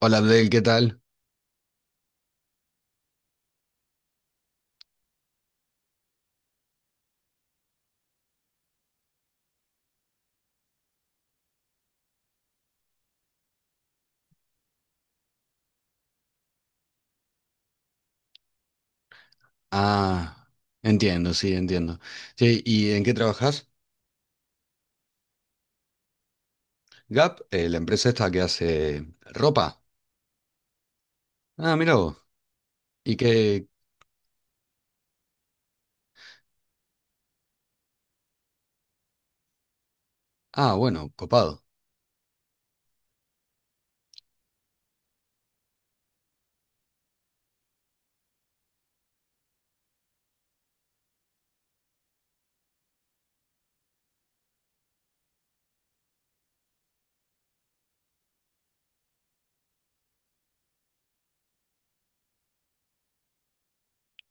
Hola Abdel, ¿qué tal? Ah, entiendo. Sí, ¿y en qué trabajas? Gap, la empresa esta que hace ropa. Ah, mira vos. ¿Y qué? Ah, bueno, copado.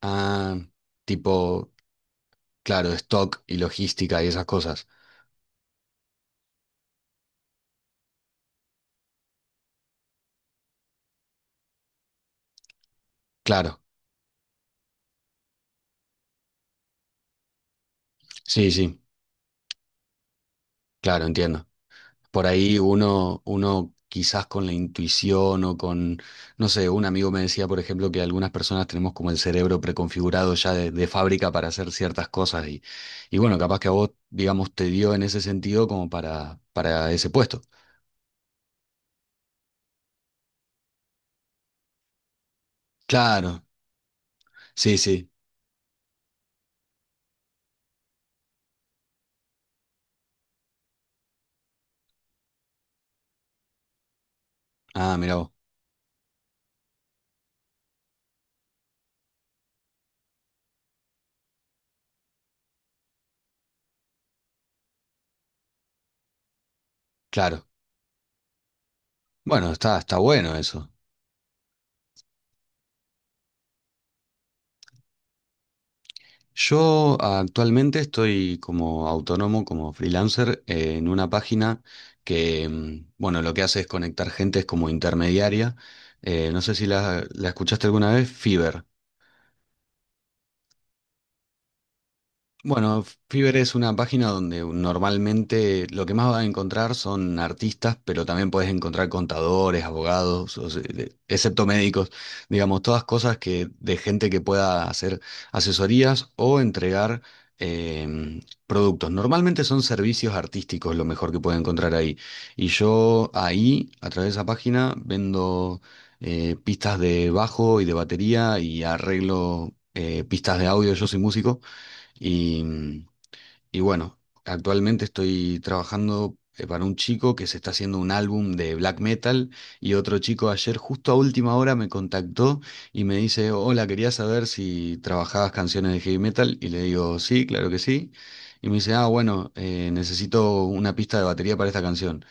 Ah, tipo, claro, stock y logística y esas cosas. Claro, sí, sí, claro, entiendo. Por ahí uno quizás con la intuición no sé, un amigo me decía, por ejemplo, que algunas personas tenemos como el cerebro preconfigurado ya de fábrica para hacer ciertas cosas y bueno, capaz que a vos, digamos, te dio en ese sentido como para ese puesto. Claro, sí, sí. Ah, mira vos, claro. Bueno, está bueno eso. Yo actualmente estoy como autónomo, como freelancer, en una página que, bueno, lo que hace es conectar gente, es como intermediaria. No sé si la escuchaste alguna vez, Fiverr. Bueno, Fiverr es una página donde normalmente lo que más vas a encontrar son artistas, pero también puedes encontrar contadores, abogados, excepto médicos, digamos, todas cosas que de gente que pueda hacer asesorías o entregar em, productos. Normalmente son servicios artísticos lo mejor que puedes encontrar ahí. Y yo ahí, a través de esa página, vendo pistas de bajo y de batería y arreglo pistas de audio. Yo soy músico. Y, mm, y bueno, actualmente estoy trabajando para un chico que se está haciendo un álbum de black metal, y otro chico ayer justo a última hora me contactó y me dice, hola, quería saber si trabajabas canciones de heavy metal, y le digo, sí, claro que sí. Y me dice, ah, bueno, necesito una pista de batería para esta canción.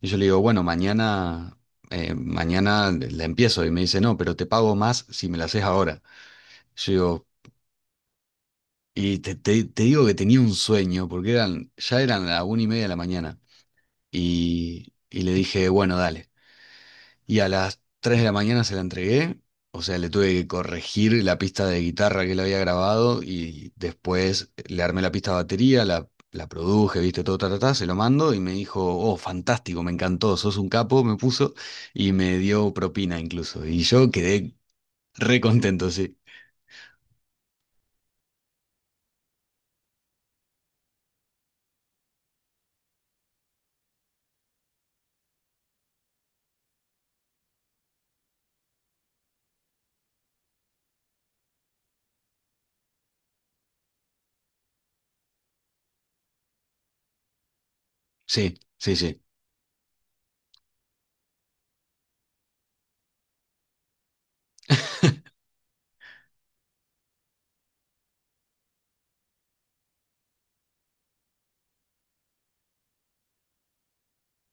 Y yo le digo, bueno, mañana, mañana la empiezo. Y me dice, no, pero te pago más si me la haces ahora. Yo digo, te, te digo que tenía un sueño, porque eran, ya eran las 1:30 de la mañana. Y le dije, bueno, dale. Y a las 3 de la mañana se la entregué. O sea, le tuve que corregir la pista de guitarra que él había grabado. Y después le armé la pista de batería, la produje, viste, todo, ta, ta, ta, se lo mando. Y me dijo, oh, fantástico, me encantó, sos un capo, me puso. Y me dio propina incluso. Y yo quedé re contento, sí. Sí, sí, sí.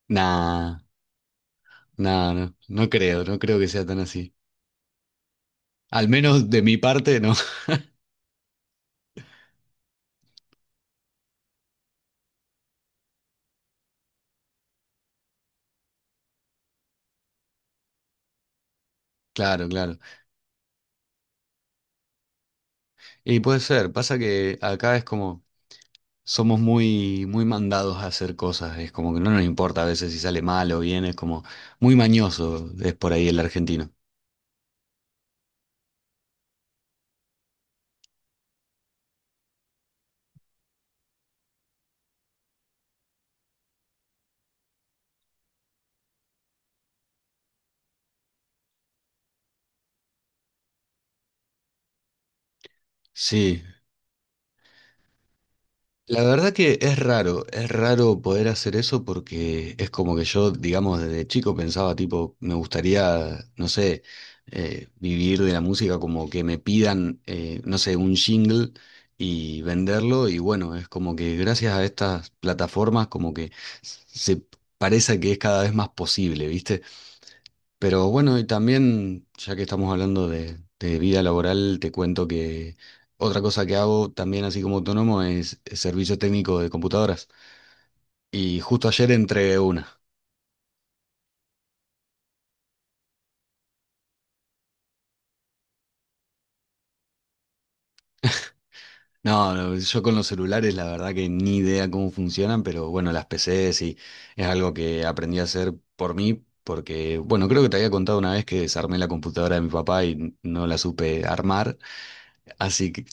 Nah. No, no, no creo que sea tan así. Al menos de mi parte, no. Claro, claro. Y puede ser, pasa que acá es como somos muy, muy mandados a hacer cosas, es como que no nos importa a veces si sale mal o bien, es como muy mañoso, es por ahí el argentino. Sí, la verdad que es raro poder hacer eso porque es como que yo, digamos, desde chico pensaba, tipo, me gustaría, no sé, vivir de la música como que me pidan, no sé, un jingle y venderlo, y bueno, es como que gracias a estas plataformas como que se parece que es cada vez más posible, ¿viste? Pero bueno, y también, ya que estamos hablando de vida laboral, te cuento que otra cosa que hago también así como autónomo es servicio técnico de computadoras. Y justo ayer entregué una. No, no, yo con los celulares la verdad que ni idea cómo funcionan, pero bueno, las PCs es algo que aprendí a hacer por mí, porque bueno, creo que te había contado una vez que desarmé la computadora de mi papá y no la supe armar, así que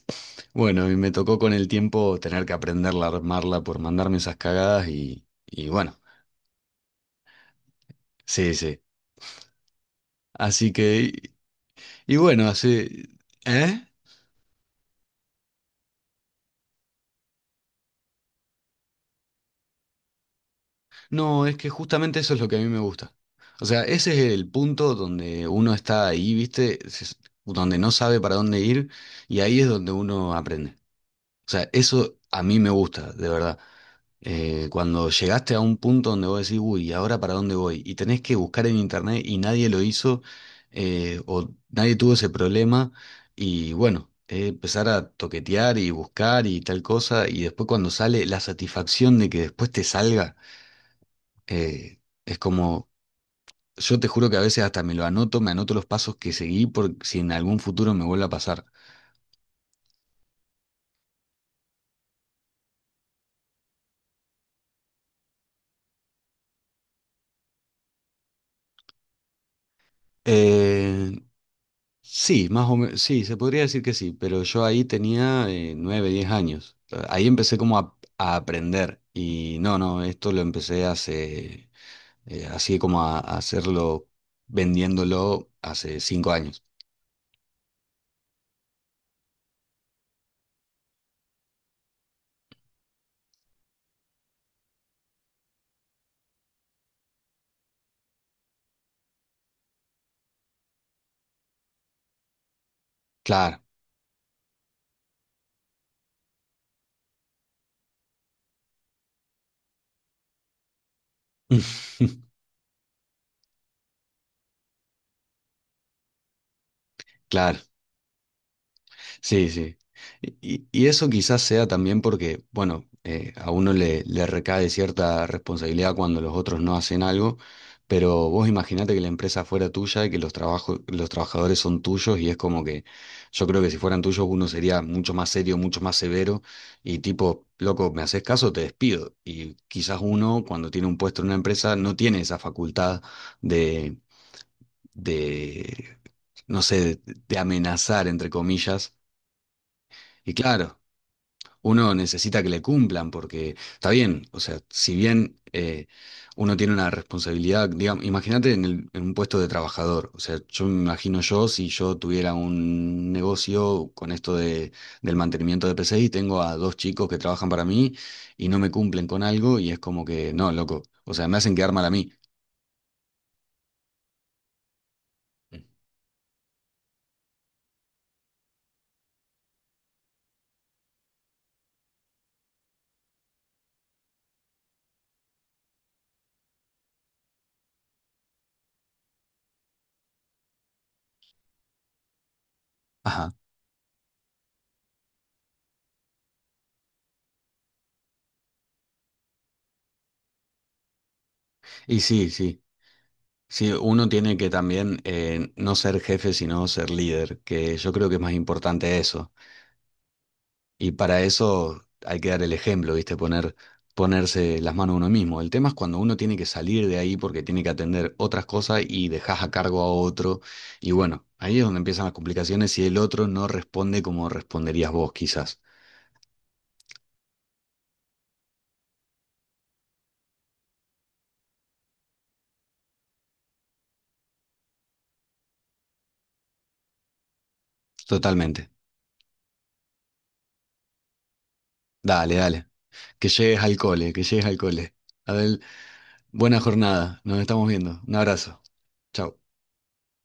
bueno, a mí me tocó con el tiempo tener que aprenderla a armarla por mandarme esas cagadas y bueno, sí, sí. Así que, y bueno, así, ¿eh? No, es que justamente eso es lo que a mí me gusta. O sea, ese es el punto donde uno está ahí, ¿viste? Donde no sabe para dónde ir, y ahí es donde uno aprende. O sea, eso a mí me gusta, de verdad. Cuando llegaste a un punto donde vos decís, uy, ¿y ahora para dónde voy? Y tenés que buscar en internet y nadie lo hizo, o nadie tuvo ese problema, y bueno, empezar a toquetear y buscar y tal cosa, y después cuando sale la satisfacción de que después te salga, eh, es como, yo te juro que a veces hasta me lo anoto, me anoto los pasos que seguí por si en algún futuro me vuelve a pasar. Eh, Sí, más o menos, sí, se podría decir que sí, pero yo ahí tenía 9, 10 años. Ahí empecé como a aprender, y no, no, esto lo empecé hace, así como a hacerlo vendiéndolo hace 5 años. Claro, claro. Sí, sí. Y eso quizás sea también porque, bueno, a uno le recae cierta responsabilidad cuando los otros no hacen algo, pero vos imaginate que la empresa fuera tuya y que los trabajos, los trabajadores son tuyos, y es como que yo creo que si fueran tuyos uno sería mucho más serio, mucho más severo, y tipo, loco, ¿me haces caso? Te despido. Y quizás uno cuando tiene un puesto en una empresa no tiene esa facultad de, de, no sé, de amenazar, entre comillas. Y claro, uno necesita que le cumplan porque está bien, o sea, si bien uno tiene una responsabilidad, digamos, imagínate en, en un puesto de trabajador, o sea, yo me imagino, yo si yo tuviera un negocio con esto de, del mantenimiento de PC, y tengo a dos chicos que trabajan para mí y no me cumplen con algo, y es como que, no, loco, o sea, me hacen quedar mal a mí. Ajá. Y sí, sí. Sí, uno tiene que también no ser jefe, sino ser líder, que yo creo que es más importante eso. Y para eso hay que dar el ejemplo, ¿viste? Ponerse las manos uno mismo. El tema es cuando uno tiene que salir de ahí porque tiene que atender otras cosas y dejas a cargo a otro. Y bueno, ahí es donde empiezan las complicaciones si el otro no responde como responderías vos, quizás. Totalmente. Dale, dale. Que llegues al cole, que llegues al cole. Abel, buena jornada. Nos estamos viendo. Un abrazo. Chau.